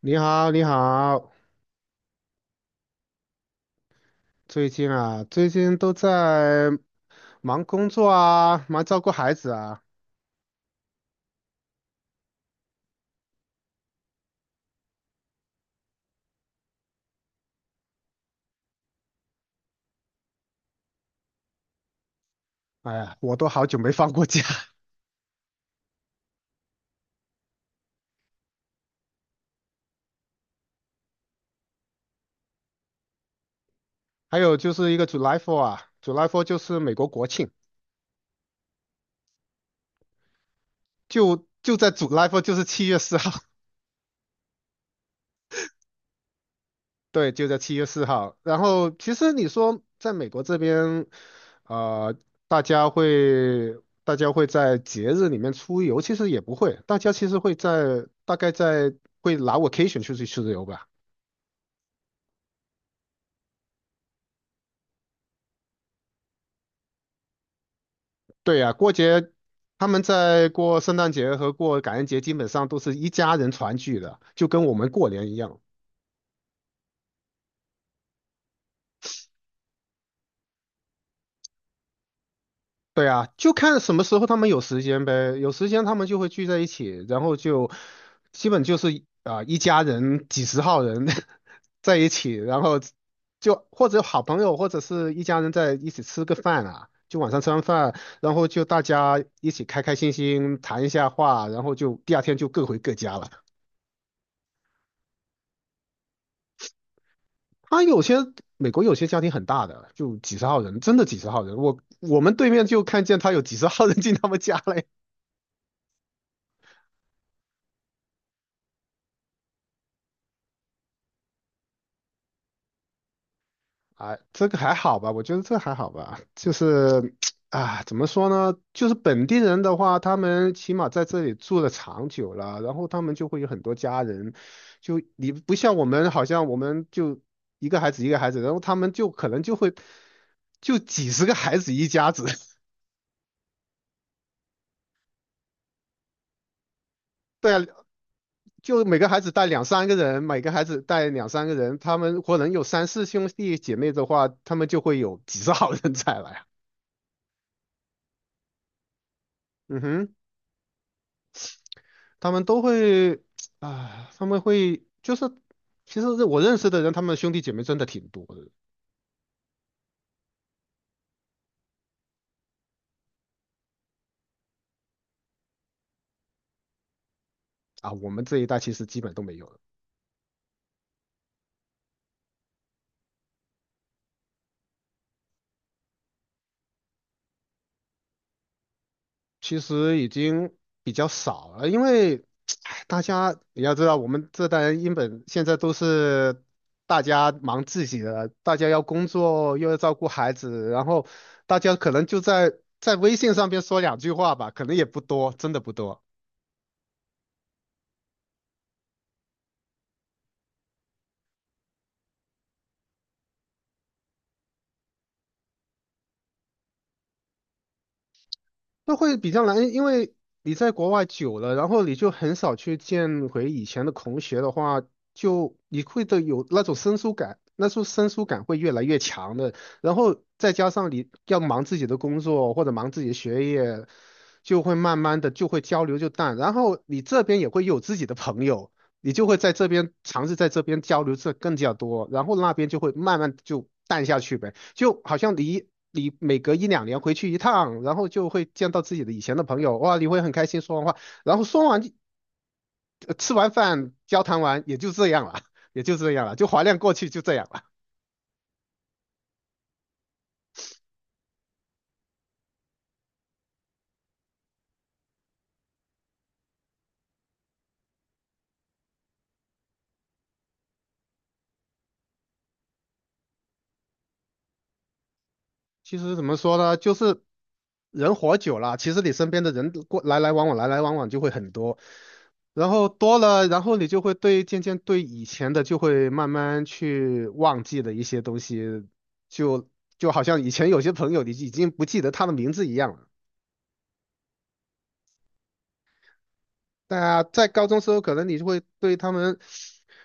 你好，你好，最近都在忙工作啊，忙照顾孩子啊，哎呀，我都好久没放过假。还有就是一个 July f o 啊，July f o 就是美国国庆，就在 July f o 就是7月4号，对，就在7月4号。然后其实你说在美国这边，呃，大家会大家会在节日里面出游，其实也不会，大家其实会在大概在会拿 vacation 出去游吧。对呀，过节他们在过圣诞节和过感恩节，基本上都是一家人团聚的，就跟我们过年一样。对啊，就看什么时候他们有时间呗，有时间他们就会聚在一起，然后就基本就是一家人几十号人 在一起，然后就或者好朋友或者是一家人在一起吃个饭啊，就晚上吃完饭，然后就大家一起开开心心谈一下话，然后就第二天就各回各家了。他有些美国有些家庭很大的，就几十号人，真的几十号人。我们对面就看见他有几十号人进他们家嘞。哎，这个还好吧？我觉得这还好吧。就是啊，怎么说呢？就是本地人的话，他们起码在这里住的长久了，然后他们就会有很多家人。就你不像我们，好像我们就一个孩子一个孩子，然后他们就可能就会就几十个孩子一家子。对啊，就每个孩子带两三个人，每个孩子带两三个人，他们或能有三四兄弟姐妹的话，他们就会有几十号人才来啊。嗯哼，他们都会啊，他们会就是，其实我认识的人，他们兄弟姐妹真的挺多的啊。我们这一代其实基本都没有了。其实已经比较少了，因为 唉大家你要知道，我们这代人英本现在都是大家忙自己的，大家要工作又要照顾孩子，然后大家可能就在微信上边说两句话吧，可能也不多，真的不多。那会比较难，因为你在国外久了，然后你就很少去见回以前的同学的话，就你会的有那种生疏感，那种生疏感会越来越强的。然后再加上你要忙自己的工作或者忙自己的学业，就会慢慢的就会交流就淡。然后你这边也会有自己的朋友，你就会在这边尝试在这边交流这更加多，然后那边就会慢慢就淡下去呗。就好像你每隔一两年回去一趟，然后就会见到自己的以前的朋友，哇，你会很开心说完话，然后说完吃完饭交谈完也就这样了，也就这样了，就怀念过去就这样了。其实怎么说呢，就是人活久了，其实你身边的人过来来往往来来往往就会很多。然后多了，然后你就会对渐渐对以前的就会慢慢去忘记的一些东西，就好像以前有些朋友你已经不记得他的名字一样了。大家在高中时候，可能你就会对他们，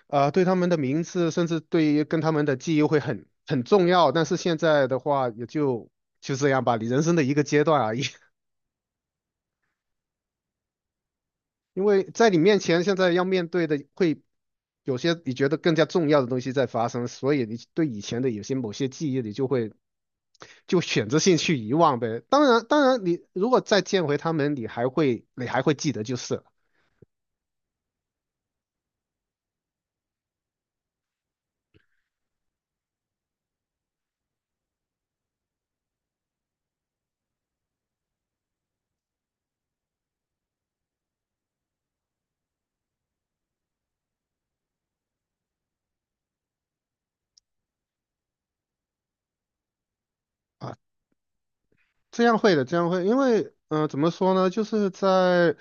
对他们的名字，甚至对于跟他们的记忆会很重要。但是现在的话，也就这样吧，你人生的一个阶段而已。因为在你面前，现在要面对的会有些你觉得更加重要的东西在发生，所以你对以前的有些某些记忆，你就会就选择性去遗忘呗。当然，当然，你如果再见回他们，你还会记得就是了。这样会的，这样会，因为怎么说呢，就是在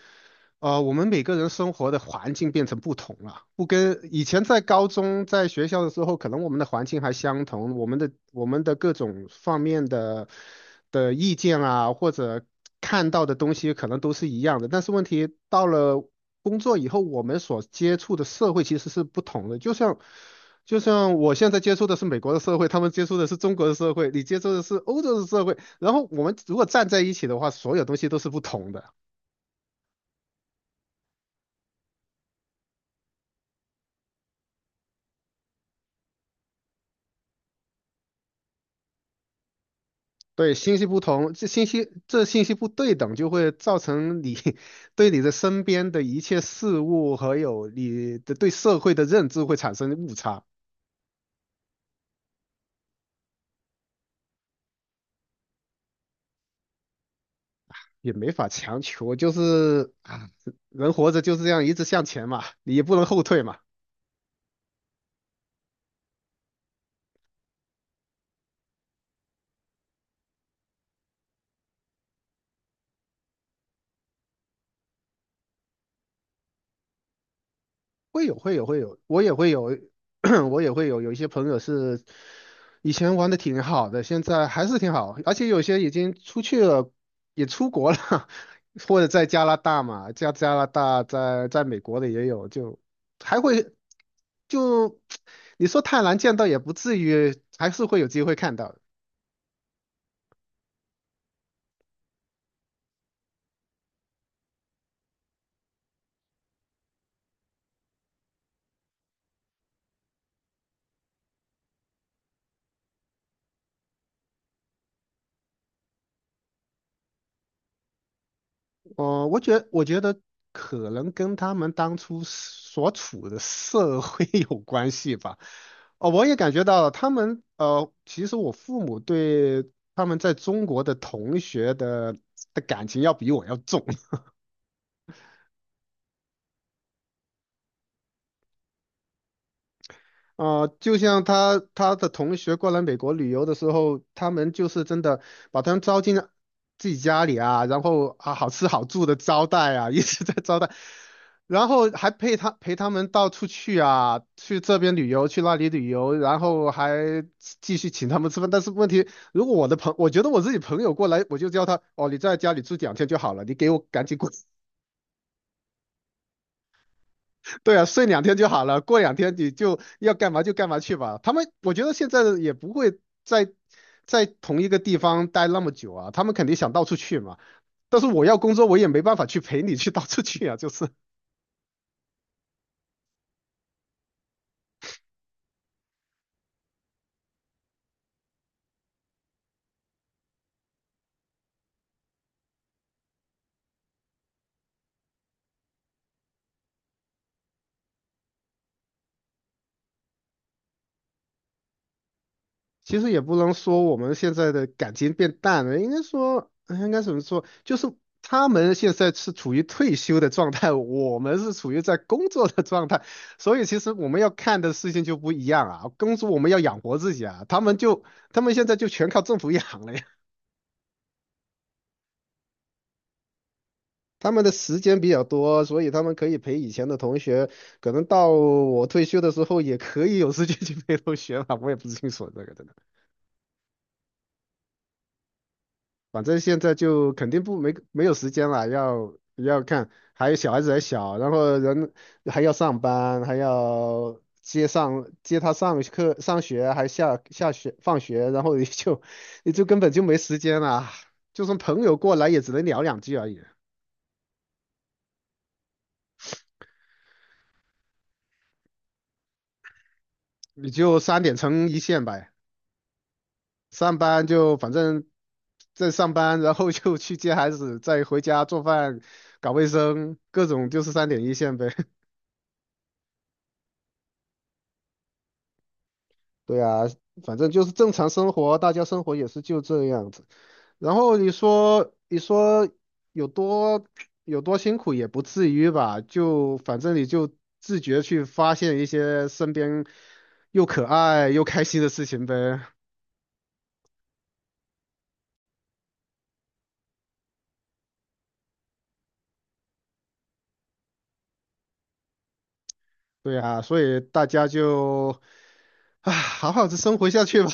呃，我们每个人生活的环境变成不同了，不跟以前在高中在学校的时候，可能我们的环境还相同，我们的各种方面的意见啊，或者看到的东西可能都是一样的，但是问题到了工作以后，我们所接触的社会其实是不同的，就像我现在接触的是美国的社会，他们接触的是中国的社会，你接触的是欧洲的社会。然后我们如果站在一起的话，所有东西都是不同的。对，信息不同，这信息不对等，就会造成你 对你的身边的一切事物和有你的对社会的认知会产生误差，也没法强求，就是啊，人活着就是这样，一直向前嘛，你也不能后退嘛。会有会有会有，我也会有，我也会有一些朋友是以前玩的挺好的，现在还是挺好，而且有些已经出去了，也出国了，或者在加拿大嘛，加拿大在美国的也有，就还会就 你说太难见到也不至于，还是会有机会看到的。我觉得可能跟他们当初所处的社会 有关系吧。哦，我也感觉到他们，其实我父母对他们在中国的同学的感情要比我要重。就像他的同学过来美国旅游的时候，他们就是真的把他们招进自己家里啊，然后啊好吃好住的招待啊，一直在招待，然后还陪陪他们到处去啊，去这边旅游，去那里旅游，然后还继续请他们吃饭。但是问题，如果我的朋，我觉得我自己朋友过来，我就叫他哦，你在家里住两天就好了，你给我赶紧滚。对啊，睡两天就好了，过两天你就要干嘛就干嘛去吧。他们我觉得现在也不会在在同一个地方待那么久啊，他们肯定想到处去嘛。但是我要工作，我也没办法去陪你去到处去啊，就是。其实也不能说我们现在的感情变淡了，应该说，哎应该怎么说？就是他们现在是处于退休的状态，我们是处于在工作的状态，所以其实我们要看的事情就不一样啊。工作我们要养活自己啊，他们现在就全靠政府养了呀。他们的时间比较多，所以他们可以陪以前的同学，可能到我退休的时候也可以有时间去陪同学了。我也不清楚这个真的。反正现在就肯定不没没有时间了，要看，还有小孩子还小，然后人还要上班，还要接他上课上学，还下学放学，然后你就 你就根本就没时间了，就算朋友过来也只能聊两句而已，你就三点成一线呗，上班就反正在上班，然后就去接孩子，再回家做饭、搞卫生，各种就是三点一线呗。对啊，反正就是正常生活，大家生活也是就这样子。然后你说，你说有多有多辛苦也不至于吧？就反正你就自觉去发现一些身边又可爱又开心的事情呗。对啊，所以大家就啊，唉好好的生活下去吧。